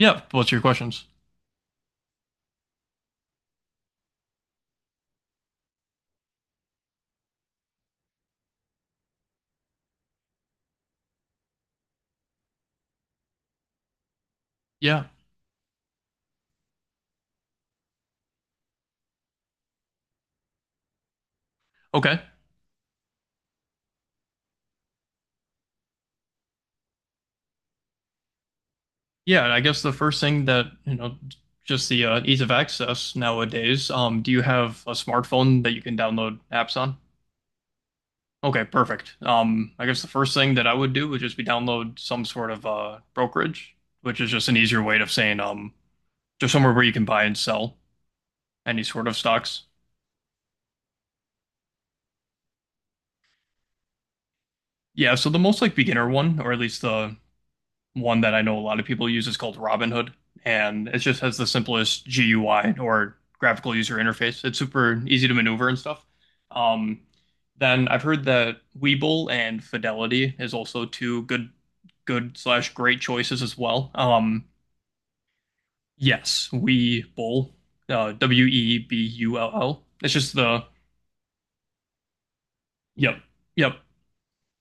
Yeah. What's your questions? Yeah. Okay. Yeah. I guess the first thing that, just the ease of access nowadays. Do you have a smartphone that you can download apps on? Okay, perfect. I guess the first thing that I would do would just be download some sort of brokerage, which is just an easier way of saying just somewhere where you can buy and sell any sort of stocks. Yeah, so the most like beginner one, or at least the one that I know a lot of people use is called Robinhood, and it just has the simplest GUI or graphical user interface. It's super easy to maneuver and stuff. Um, then I've heard that Webull and Fidelity is also two good/great choices as well. Yes, Webull, Webull. It's just the yep, yep,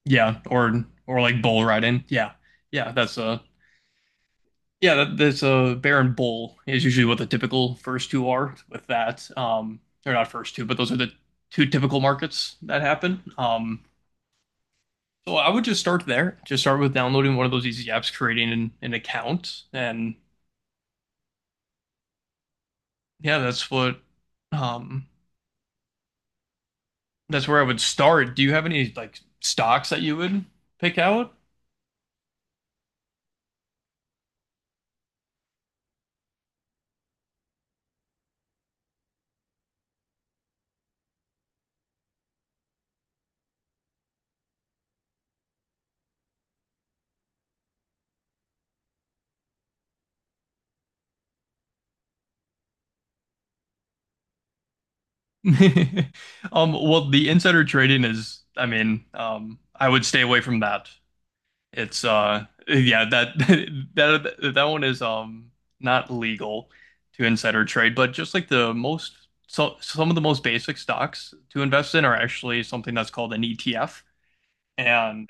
yeah, or like bull riding. Yeah, yeah, that's a Yeah, that's a bear and Bull is usually what the typical first two are with that. They're not first two, but those are the two typical markets that happen. So I would just start there. Just start with downloading one of those easy apps, creating an account, and yeah, um, that's where I would start. Do you have any like stocks that you would pick out? Well, the insider trading is, I mean, I would stay away from that. It's yeah that that one is not legal to insider trade, but just like the most so some of the most basic stocks to invest in are actually something that's called an ETF. And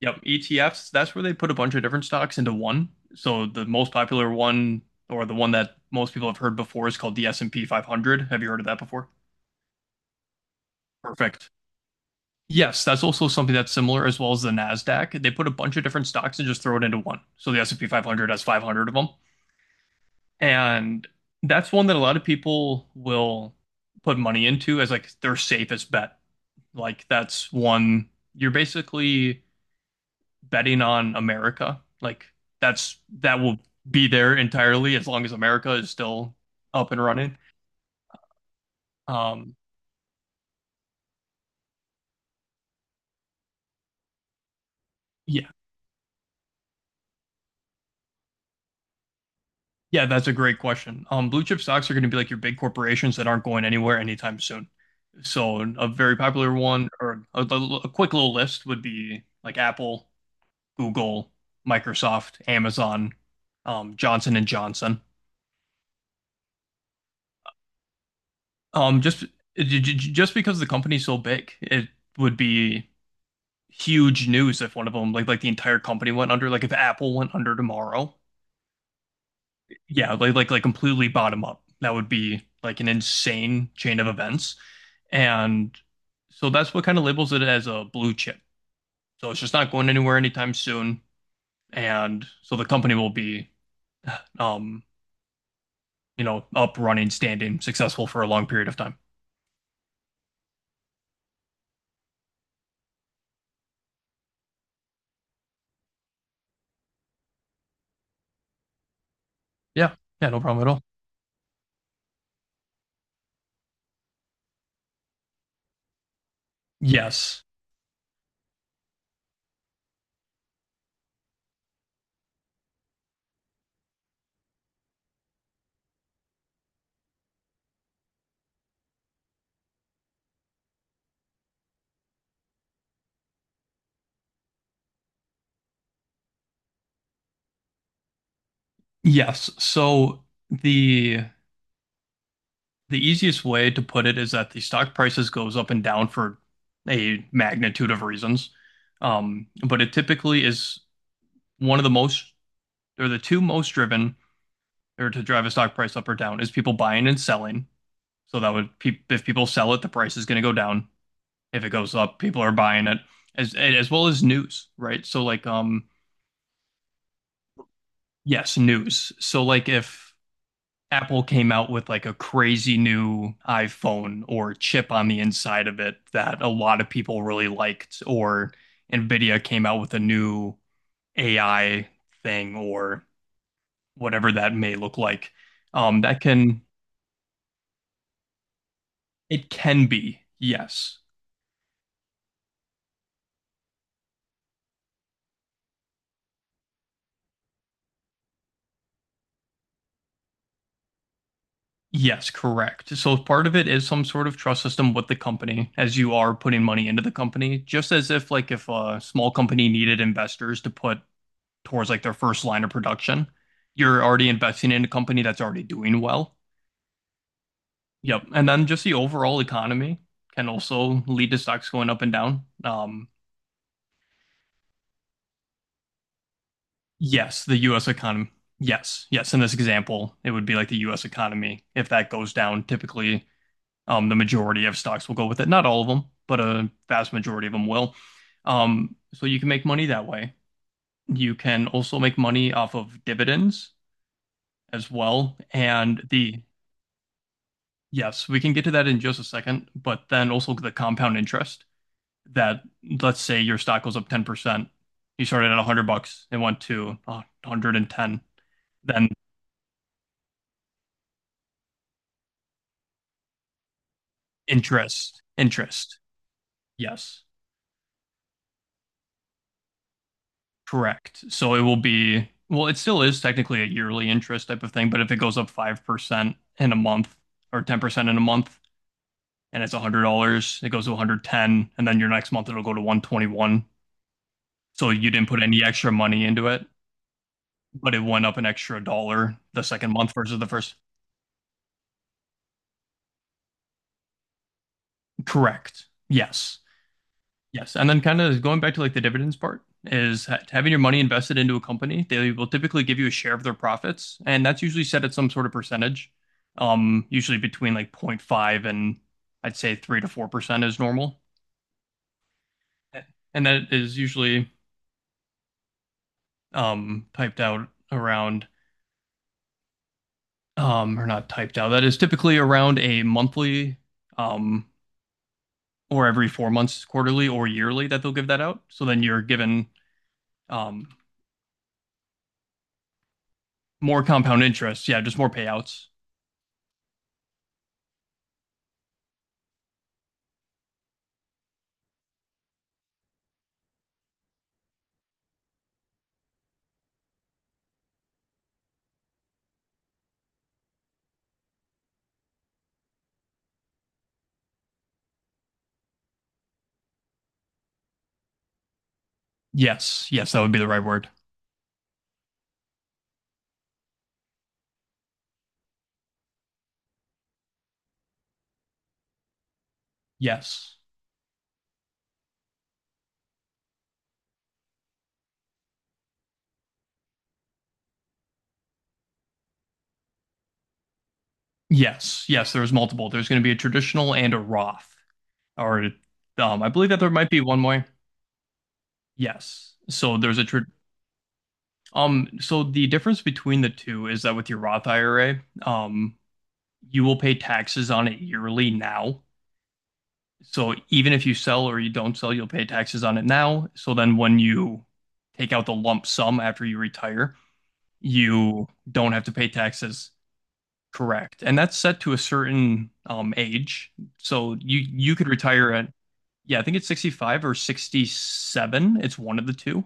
yep, ETFs, that's where they put a bunch of different stocks into one. So the most popular one or the one that most people have heard before is called the S&P 500. Have you heard of that before? Perfect. Yes, that's also something that's similar, as well as the Nasdaq. They put a bunch of different stocks and just throw it into one. So the S&P 500 has 500 of them, and that's one that a lot of people will put money into as like their safest bet. Like that's one you're basically betting on America. Like that will be there entirely as long as America is still up and running. Um, yeah, yeah, that's a great question. Blue chip stocks are going to be like your big corporations that aren't going anywhere anytime soon. So a very popular one, or quick little list would be like Apple, Google, Microsoft, Amazon, Johnson and Johnson. Um, just just because the company's so big, it would be huge news if one of them, like the entire company went under. Like if Apple went under tomorrow, yeah, like completely bottom up. That would be like an insane chain of events, and so that's what kind of labels it as a blue chip. So it's just not going anywhere anytime soon. And so the company will be um up running standing successful for a long period of time. Yeah, yeah, no problem at all. Yes, yes, so the the easiest way to put it is that the stock prices goes up and down for a magnitude of reasons, but it typically is one of the most, or the two most driven, or to drive a stock price up or down is people buying and selling. So if people sell it the price is going to go down. If it goes up, people are buying it, as well as news, right? So like yes, news. So like if Apple came out with like a crazy new iPhone or chip on the inside of it that a lot of people really liked, or Nvidia came out with a new AI thing or whatever that may look like, that can it can be, yes, yes, correct. So part of it is some sort of trust system with the company as you are putting money into the company, just as if like if a small company needed investors to put towards like their first line of production, you're already investing in a company that's already doing well. Yep. And then just the overall economy can also lead to stocks going up and down. Yes, the US economy. Yes, yes. In this example, it would be like the US economy. If that goes down, typically the majority of stocks will go with it. Not all of them, but a vast majority of them will. So you can make money that way. You can also make money off of dividends as well. Yes, we can get to that in just a second, but then also the compound interest that let's say your stock goes up 10%. You started at 100 bucks and went to 110. Then interest, interest. Yes. Correct. So it will be, well, it still is technically a yearly interest type of thing, but if it goes up 5% in a month or 10% in a month and it's $100, it goes to 110 and then your next month it'll go to 121. So you didn't put any extra money into it, but it went up an extra dollar the second month versus the first. Correct. Yes. Yes, and then kind of going back to like the dividends part is ha having your money invested into a company. They will typically give you a share of their profits, and that's usually set at some sort of percentage, usually between like zero point 0.5 and I'd say 3 to 4% is normal, and that is usually typed out around or not typed out. That is typically around a monthly, um, or every 4 months, quarterly or yearly that they'll give that out. So then you're given um, more compound interest, yeah, just more payouts. Yes, yes, that would be the right word. Yes, yes, yes. There's multiple. There's going to be a traditional and a Roth, or I believe that there might be one more. Yes. So the difference between the two is that with your Roth IRA, you will pay taxes on it yearly now. So even if you sell or you don't sell, you'll pay taxes on it now. So then when you take out the lump sum after you retire, you don't have to pay taxes. Correct. And that's set to a certain age. So you could retire at, yeah, I think it's 65 or 67. It's one of the two.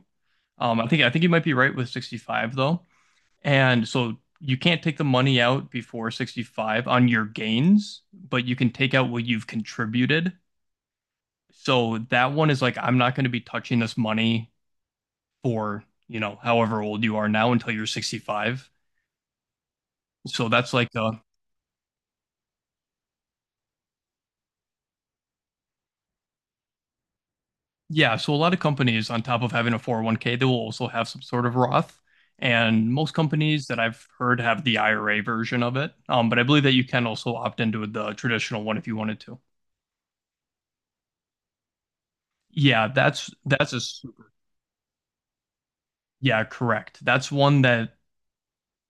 I think you might be right with 65 though. And so you can't take the money out before 65 on your gains, but you can take out what you've contributed. So that one is like I'm not going to be touching this money for, however old you are now until you're 65. So that's like a Yeah, so a lot of companies, on top of having a 401(k), they will also have some sort of Roth. And most companies that I've heard have the IRA version of it. But I believe that you can also opt into the traditional one if you wanted to. Yeah, yeah, correct. That's one that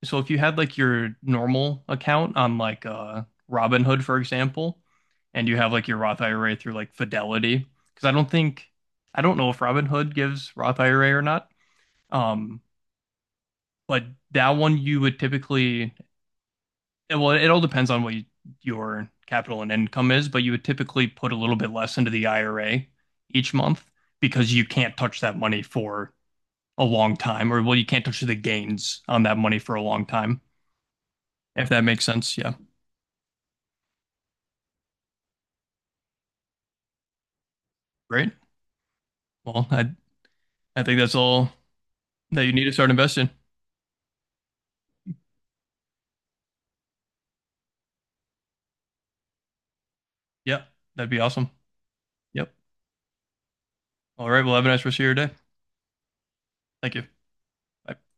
so if you had like your normal account on like Robinhood, for example, and you have like your Roth IRA through like Fidelity, because I don't know if Robinhood gives Roth IRA or not. Um, But that one you would typically, well, it all depends on your capital and income is, but you would typically put a little bit less into the IRA each month because you can't touch that money for a long time, or well, you can't touch the gains on that money for a long time, if that makes sense. Yeah. Great. Well, I think that's all that you need to start investing. Yeah, that'd be awesome. Yep. All right. Well, have a nice rest of your day. Thank you. Bye.